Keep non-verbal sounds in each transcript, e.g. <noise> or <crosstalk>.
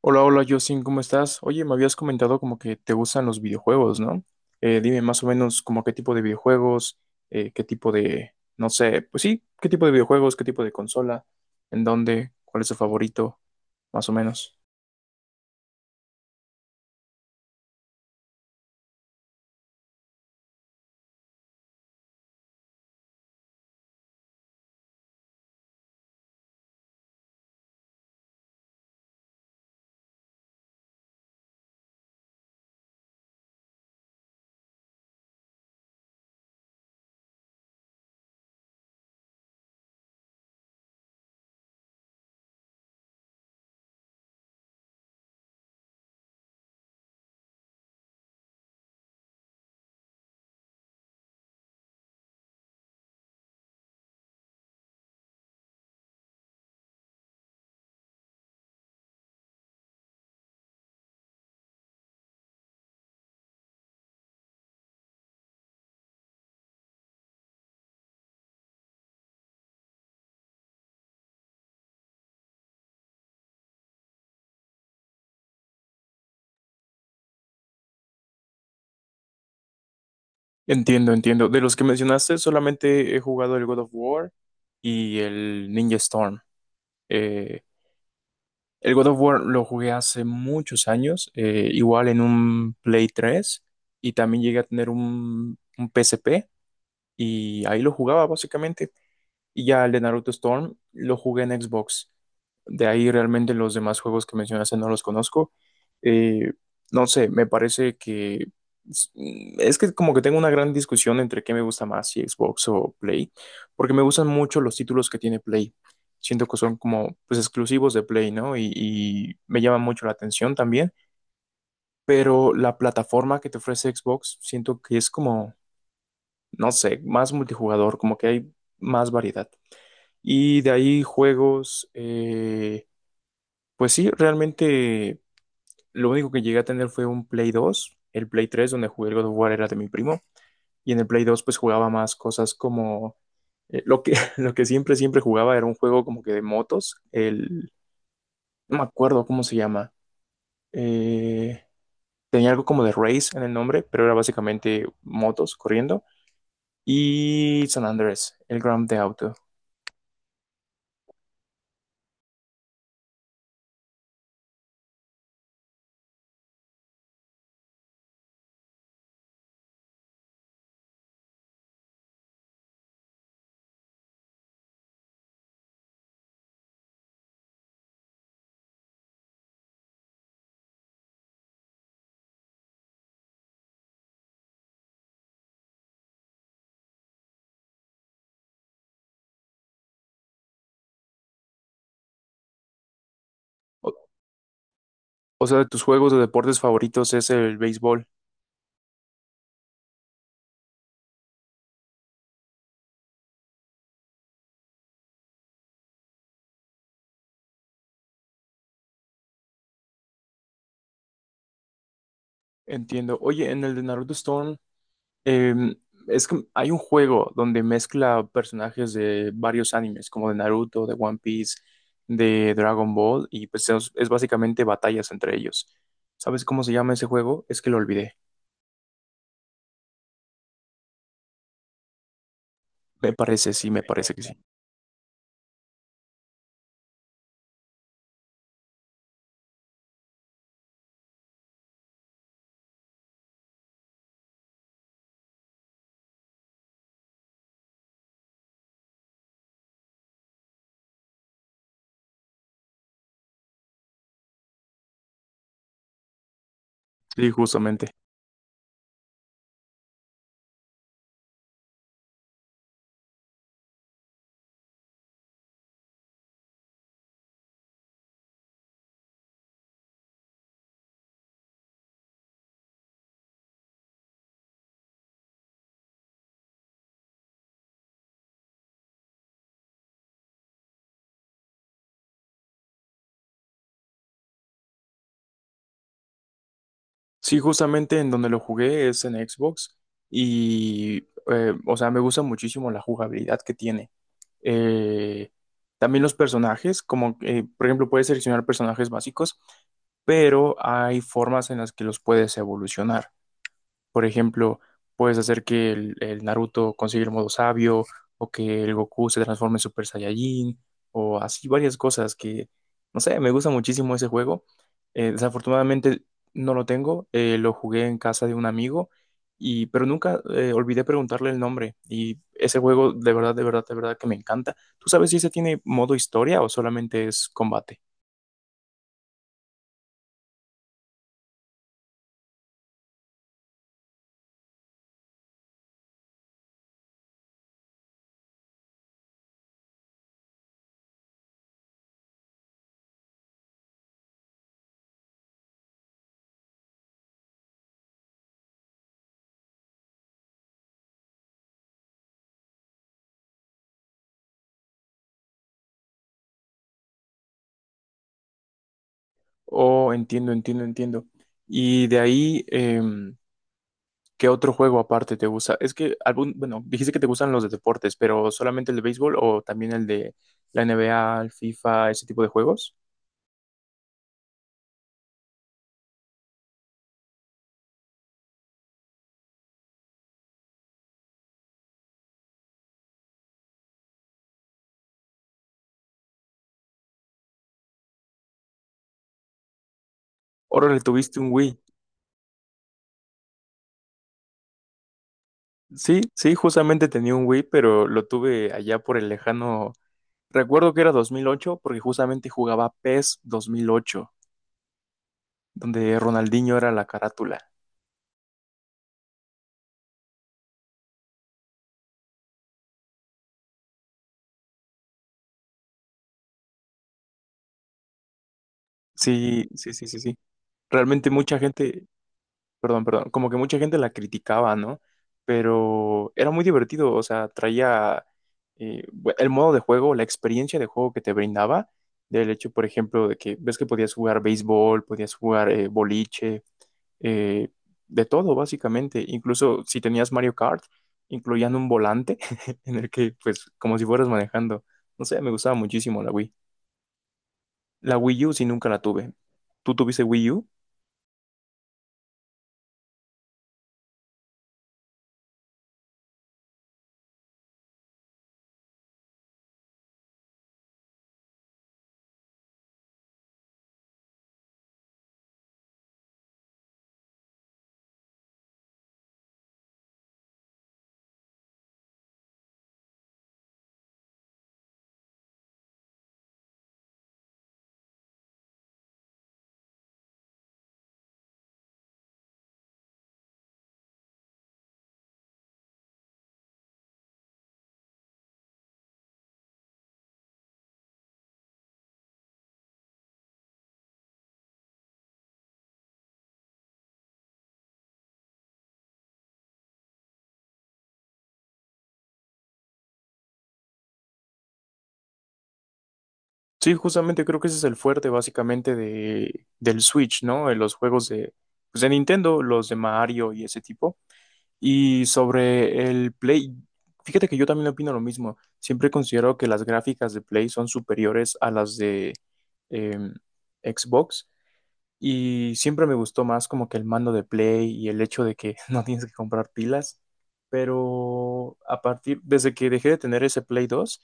Hola, hola, Justin, ¿cómo estás? Oye, me habías comentado como que te gustan los videojuegos, ¿no? Dime más o menos como qué tipo de videojuegos, qué tipo de, no sé, pues sí, qué tipo de videojuegos, qué tipo de consola, en dónde, cuál es tu favorito, más o menos. Entiendo, entiendo. De los que mencionaste, solamente he jugado el God of War y el Ninja Storm. Eh, el God of War lo jugué hace muchos años, igual en un Play 3 y también llegué a tener un PSP. Y ahí lo jugaba básicamente. Y ya el de Naruto Storm lo jugué en Xbox. De ahí realmente los demás juegos que mencionaste no los conozco. Eh, no sé, me parece que es es que como que tengo una gran discusión entre qué me gusta más, si Xbox o Play, porque me gustan mucho los títulos que tiene Play. Siento que son como pues exclusivos de Play, ¿no? Y me llama mucho la atención también, pero la plataforma que te ofrece Xbox siento que es como no sé, más multijugador, como que hay más variedad. Y de ahí juegos, pues sí, realmente lo único que llegué a tener fue un Play 2, el Play 3 donde jugué el God of War era de mi primo, y en el Play 2 pues jugaba más cosas como lo que, <laughs> lo que siempre, siempre jugaba era un juego como que de motos, no me acuerdo cómo se llama, eh, tenía algo como de Race en el nombre, pero era básicamente motos corriendo, y San Andrés, el Grand Theft Auto. O sea, de tus juegos de deportes favoritos es el béisbol. Entiendo. Oye, en el de Naruto Stone, em, es que hay un juego donde mezcla personajes de varios animes, como de Naruto, de One Piece, de Dragon Ball, y pues es básicamente batallas entre ellos. ¿Sabes cómo se llama ese juego? Es que lo olvidé. Me parece, sí, me parece que sí. Sí, justamente. Sí, justamente en donde lo jugué es en Xbox y, o sea, me gusta muchísimo la jugabilidad que tiene. eh, también los personajes, como por ejemplo puedes seleccionar personajes básicos, pero hay formas en las que los puedes evolucionar. Por ejemplo, puedes hacer que el Naruto consiga el modo sabio o que el Goku se transforme en Super Saiyajin o así varias cosas que, no sé, me gusta muchísimo ese juego. Desafortunadamente no lo tengo, lo jugué en casa de un amigo y pero nunca olvidé preguntarle el nombre y ese juego de verdad, de verdad, de verdad que me encanta. ¿Tú sabes si ese tiene modo historia o solamente es combate? Oh, entiendo, entiendo, entiendo. Y de ahí, ¿qué otro juego aparte te gusta? Es que bueno, dijiste que te gustan los de deportes, pero solamente el de béisbol o también el de la NBA, el FIFA, ese tipo de juegos. Órale, tuviste un Wii. Sí, sí, justamente tenía un Wii, pero lo tuve allá por el lejano. Recuerdo que era 2008, porque justamente jugaba PES 2008, donde Ronaldinho era la carátula. Sí, sí, sí, sí, sí. Realmente mucha gente, perdón, perdón, como que mucha gente la criticaba, ¿no? Pero era muy divertido, o sea, traía el modo de juego, la experiencia de juego que te brindaba, del hecho, por ejemplo, de que ves que podías jugar béisbol, podías jugar boliche, eh, de todo, básicamente, incluso si tenías Mario Kart, incluían un volante <laughs> en el que, pues, como si fueras manejando, no sé, me gustaba muchísimo la Wii. La Wii U sí nunca la tuve. ¿Tú tuviste Wii U? Sí, justamente creo que ese es el fuerte básicamente del Switch, ¿no? En los juegos pues de Nintendo, los de Mario y ese tipo. Y sobre el Play, fíjate que yo también opino lo mismo. Siempre considero que las gráficas de Play son superiores a las de em, Xbox. Y siempre me gustó más como que el mando de Play y el hecho de que <laughs> no tienes que comprar pilas. Pero desde que dejé de tener ese Play 2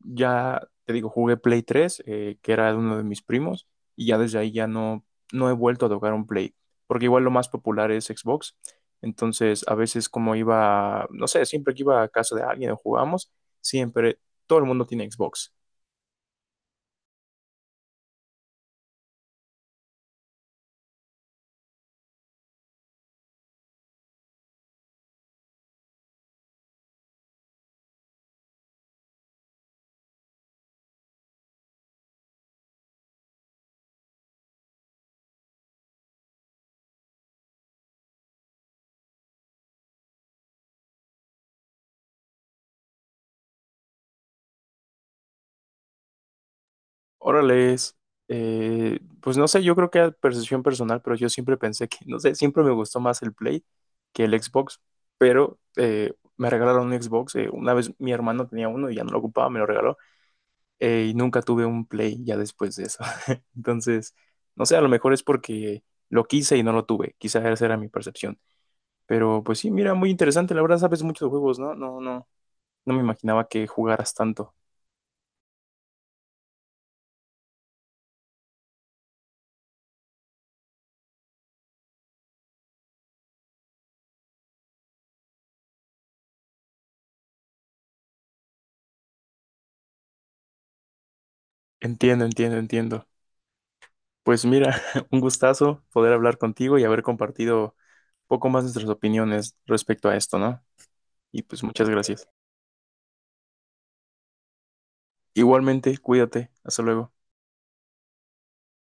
ya te digo, jugué Play 3 que era de uno de mis primos, y ya desde ahí ya no he vuelto a tocar un Play. Porque igual lo más popular es Xbox. Entonces, a veces como iba, no sé, siempre que iba a casa de alguien o jugamos, siempre todo el mundo tiene Xbox. Órale, pues no sé, yo creo que era percepción personal, pero yo siempre pensé que, <laughs> no sé, siempre me gustó más el Play que el Xbox, pero me regalaron un Xbox, una vez mi hermano tenía uno y ya no lo ocupaba, me lo regaló, y nunca tuve un Play ya después de eso. <laughs> Entonces, no sé, a lo mejor es porque lo quise y no lo tuve, quizás esa era mi percepción, pero pues sí, mira, muy interesante, la verdad sabes mucho de juegos, ¿no? No, no, no me imaginaba que jugaras tanto. Entiendo, entiendo, entiendo. Pues mira, <laughs> un gustazo poder hablar contigo y haber compartido un poco más nuestras opiniones respecto a esto, ¿no? Y pues muchas gracias. Igualmente, cuídate. Hasta luego.